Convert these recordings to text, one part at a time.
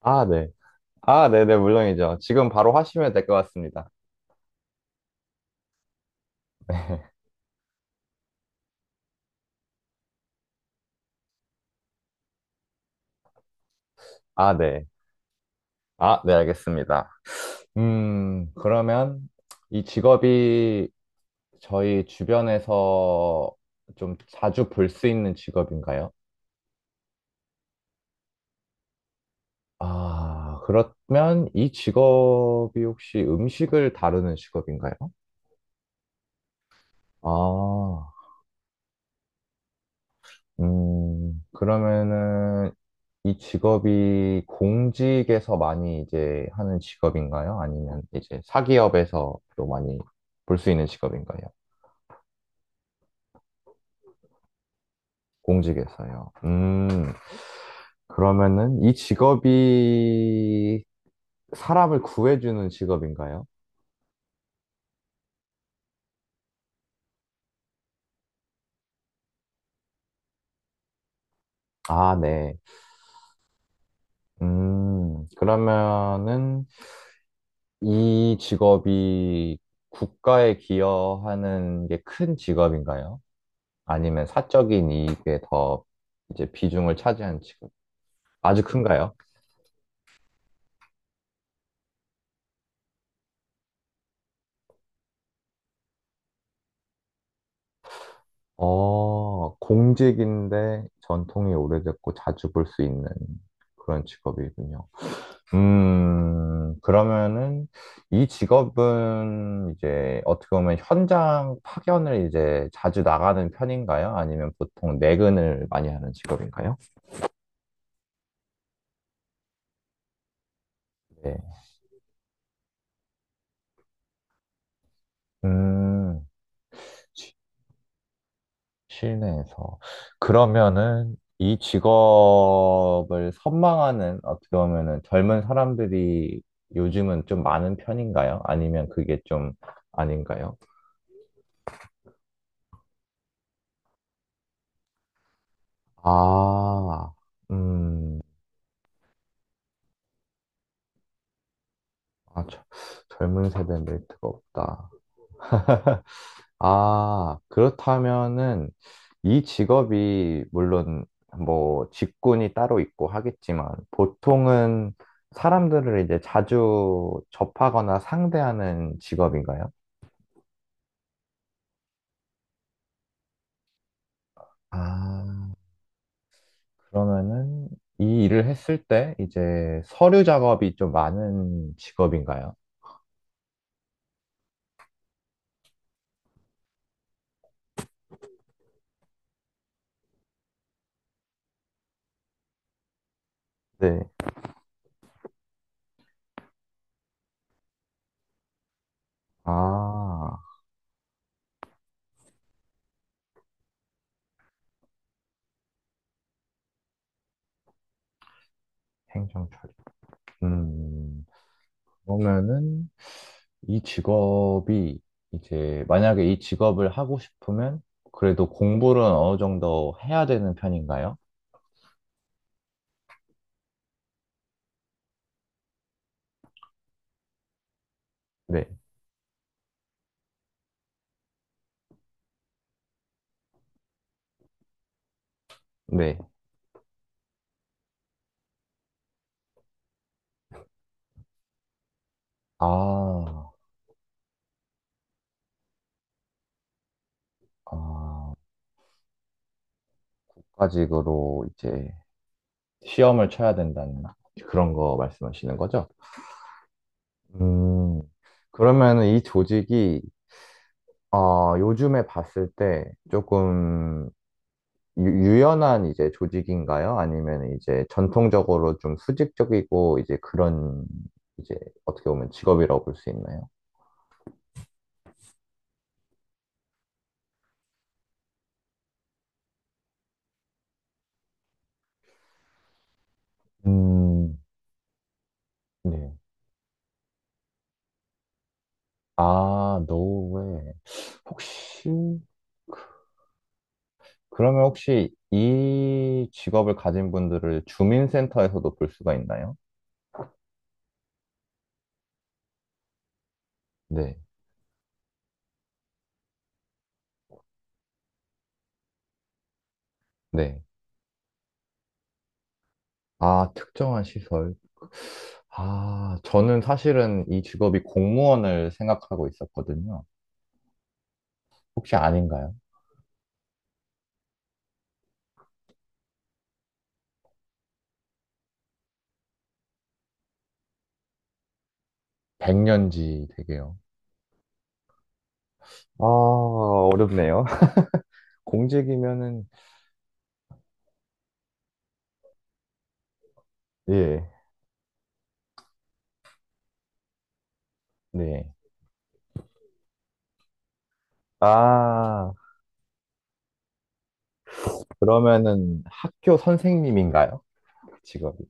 아, 네. 아, 네네, 물론이죠. 지금 바로 하시면 될 것 같습니다. 아, 네. 아, 네, 알겠습니다. 그러면 이 직업이 저희 주변에서 좀 자주 볼 수 있는 직업인가요? 아, 그러면 이 직업이 혹시 음식을 다루는 직업인가요? 아, 그러면은 이 직업이 공직에서 많이 이제 하는 직업인가요? 아니면 이제 사기업에서 또 많이 볼 수 있는 직업인가요? 공직에서요. 그러면은 이 직업이 사람을 구해주는 직업인가요? 아, 네. 그러면은 이 직업이 국가에 기여하는 게 큰 직업인가요? 아니면 사적인 이익에 더 이제 비중을 차지한 직업. 아주 큰가요? 공직인데 전통이 오래됐고 자주 볼 수 있는 그런 직업이군요. 그러면은 이 직업은 이제 어떻게 보면 현장 파견을 이제 자주 나가는 편인가요? 아니면 보통 내근을 많이 하는 직업인가요? 네. 음, 실내에서. 그러면은 이 직업을 선망하는 어떻게 보면은 젊은 사람들이 요즘은 좀 많은 편인가요? 아니면 그게 좀 아닌가요? 아, 음, 아, 저- 젊은 세대는 메리트가 없다. 아, 그렇다면은 이 직업이 물론 뭐 직군이 따로 있고 하겠지만 보통은 사람들을 이제 자주 접하거나 상대하는 직업인가요? 아, 그러면은 이 일을 했을 때 이제 서류 작업이 좀 많은 직업인가요? 네. 아, 행정 처리. 음, 그러면은 이 직업이 이제 만약에 이 직업을 하고 싶으면 그래도 공부는 어느 정도 해야 되는 편인가요? 네, 네. 아, 아, 국가직으로 이제 시험을 쳐야 된다는 그런 거 말씀하시는 거죠? 음, 그러면은 이 조직이 요즘에 봤을 때 조금 유연한 이제 조직인가요? 아니면 이제 전통적으로 좀 수직적이고 이제 그런 이제 어떻게 보면 직업이라고 볼 수 있나요? 음, 네. 아, 노웨이. 혹시, 그러면 혹시 이 직업을 가진 분들을 주민센터에서도 볼 수가 있나요? 네. 네. 아, 특정한 시설. 아, 저는 사실은 이 직업이 공무원을 생각하고 있었거든요. 혹시 아닌가요? 백년지 되게요. 아, 어렵네요. 공직이면은, 예, 네. 아, 그러면은 학교 선생님인가요? 직업이.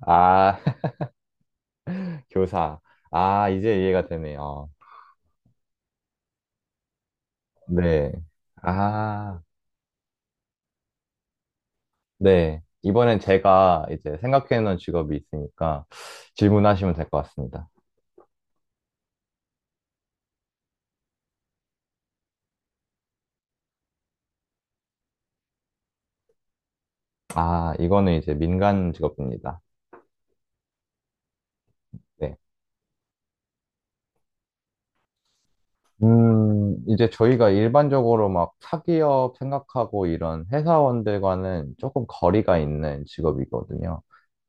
아, 교사. 아, 이제 이해가 되네요. 네. 아, 네. 이번엔 제가 이제 생각해놓은 직업이 있으니까 질문하시면 될 것 같습니다. 아, 이거는 이제 민간 직업입니다. 네. 이제 저희가 일반적으로 막 사기업 생각하고 이런 회사원들과는 조금 거리가 있는 직업이거든요.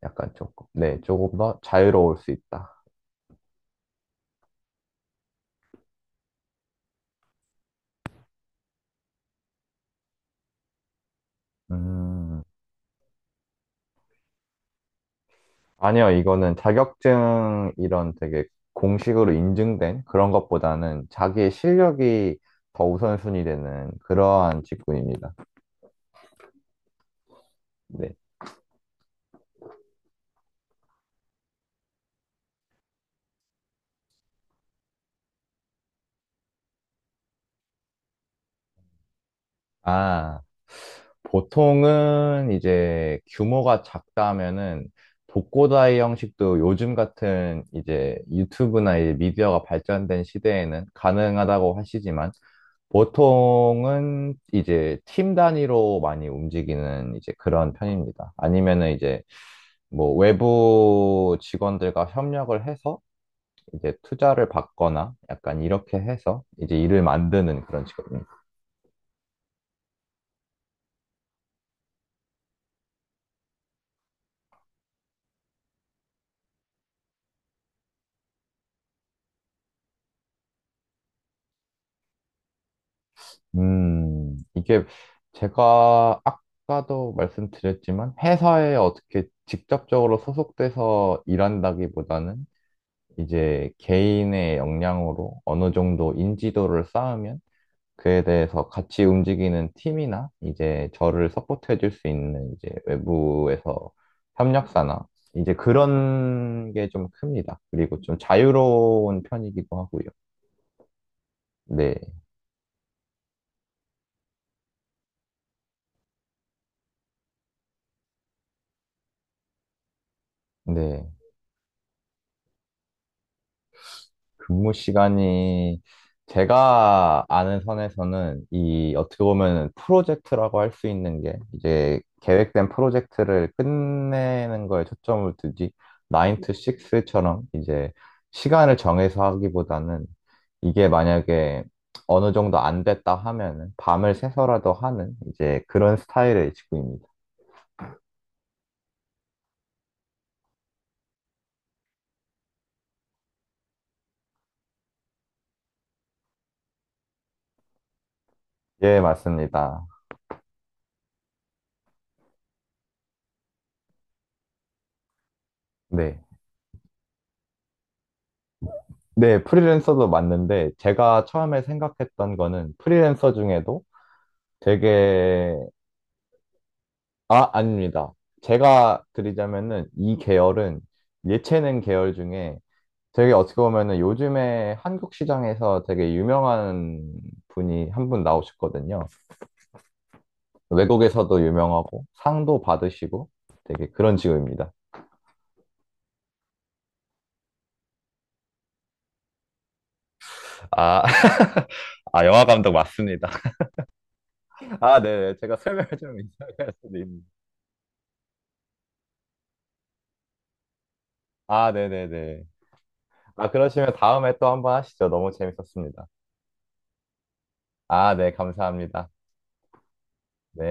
약간 조금, 네, 조금 더 자유로울 수 있다. 음, 아니요, 이거는 자격증 이런 되게 공식으로 인증된 그런 것보다는 자기의 실력이 더 우선순위 되는 그러한 직군입니다. 네. 아, 보통은 이제 규모가 작다면은 독고다이 형식도 요즘 같은 이제 유튜브나 이제 미디어가 발전된 시대에는 가능하다고 하시지만 보통은 이제 팀 단위로 많이 움직이는 이제 그런 편입니다. 아니면은 이제 뭐 외부 직원들과 협력을 해서 이제 투자를 받거나 약간 이렇게 해서 이제 일을 만드는 그런 직업. 이게 제가 아까도 말씀드렸지만 회사에 어떻게 직접적으로 소속돼서 일한다기보다는 이제 개인의 역량으로 어느 정도 인지도를 쌓으면 그에 대해서 같이 움직이는 팀이나 이제 저를 서포트해 줄 수 있는 이제 외부에서 협력사나 이제 그런 게 좀 큽니다. 그리고 좀 자유로운 편이기도 하고요. 네. 네. 근무 시간이 제가 아는 선에서는 이 어떻게 보면 프로젝트라고 할 수 있는 게 이제 계획된 프로젝트를 끝내는 거에 초점을 두지 9 to 6처럼 이제 시간을 정해서 하기보다는 이게 만약에 어느 정도 안 됐다 하면은 밤을 새서라도 하는 이제 그런 스타일의 직구입니다. 예, 맞습니다. 네. 네, 프리랜서도 맞는데 제가 처음에 생각했던 거는 프리랜서 중에도 되게 아 아닙니다. 제가 드리자면은 이 계열은 예체능 계열 중에 되게 어떻게 보면은 요즘에 한국 시장에서 되게 유명한 분이 한 분 나오셨거든요. 외국에서도 유명하고 상도 받으시고 되게 그런 직업입니다. 아, 아, 영화 감독 맞습니다. 아, 네네. 제가 설명을 좀 이상할 수도 있는데. 아, 네네네. 아, 그러시면 다음에 또 한번 하시죠. 너무 재밌었습니다. 아, 네. 감사합니다. 네.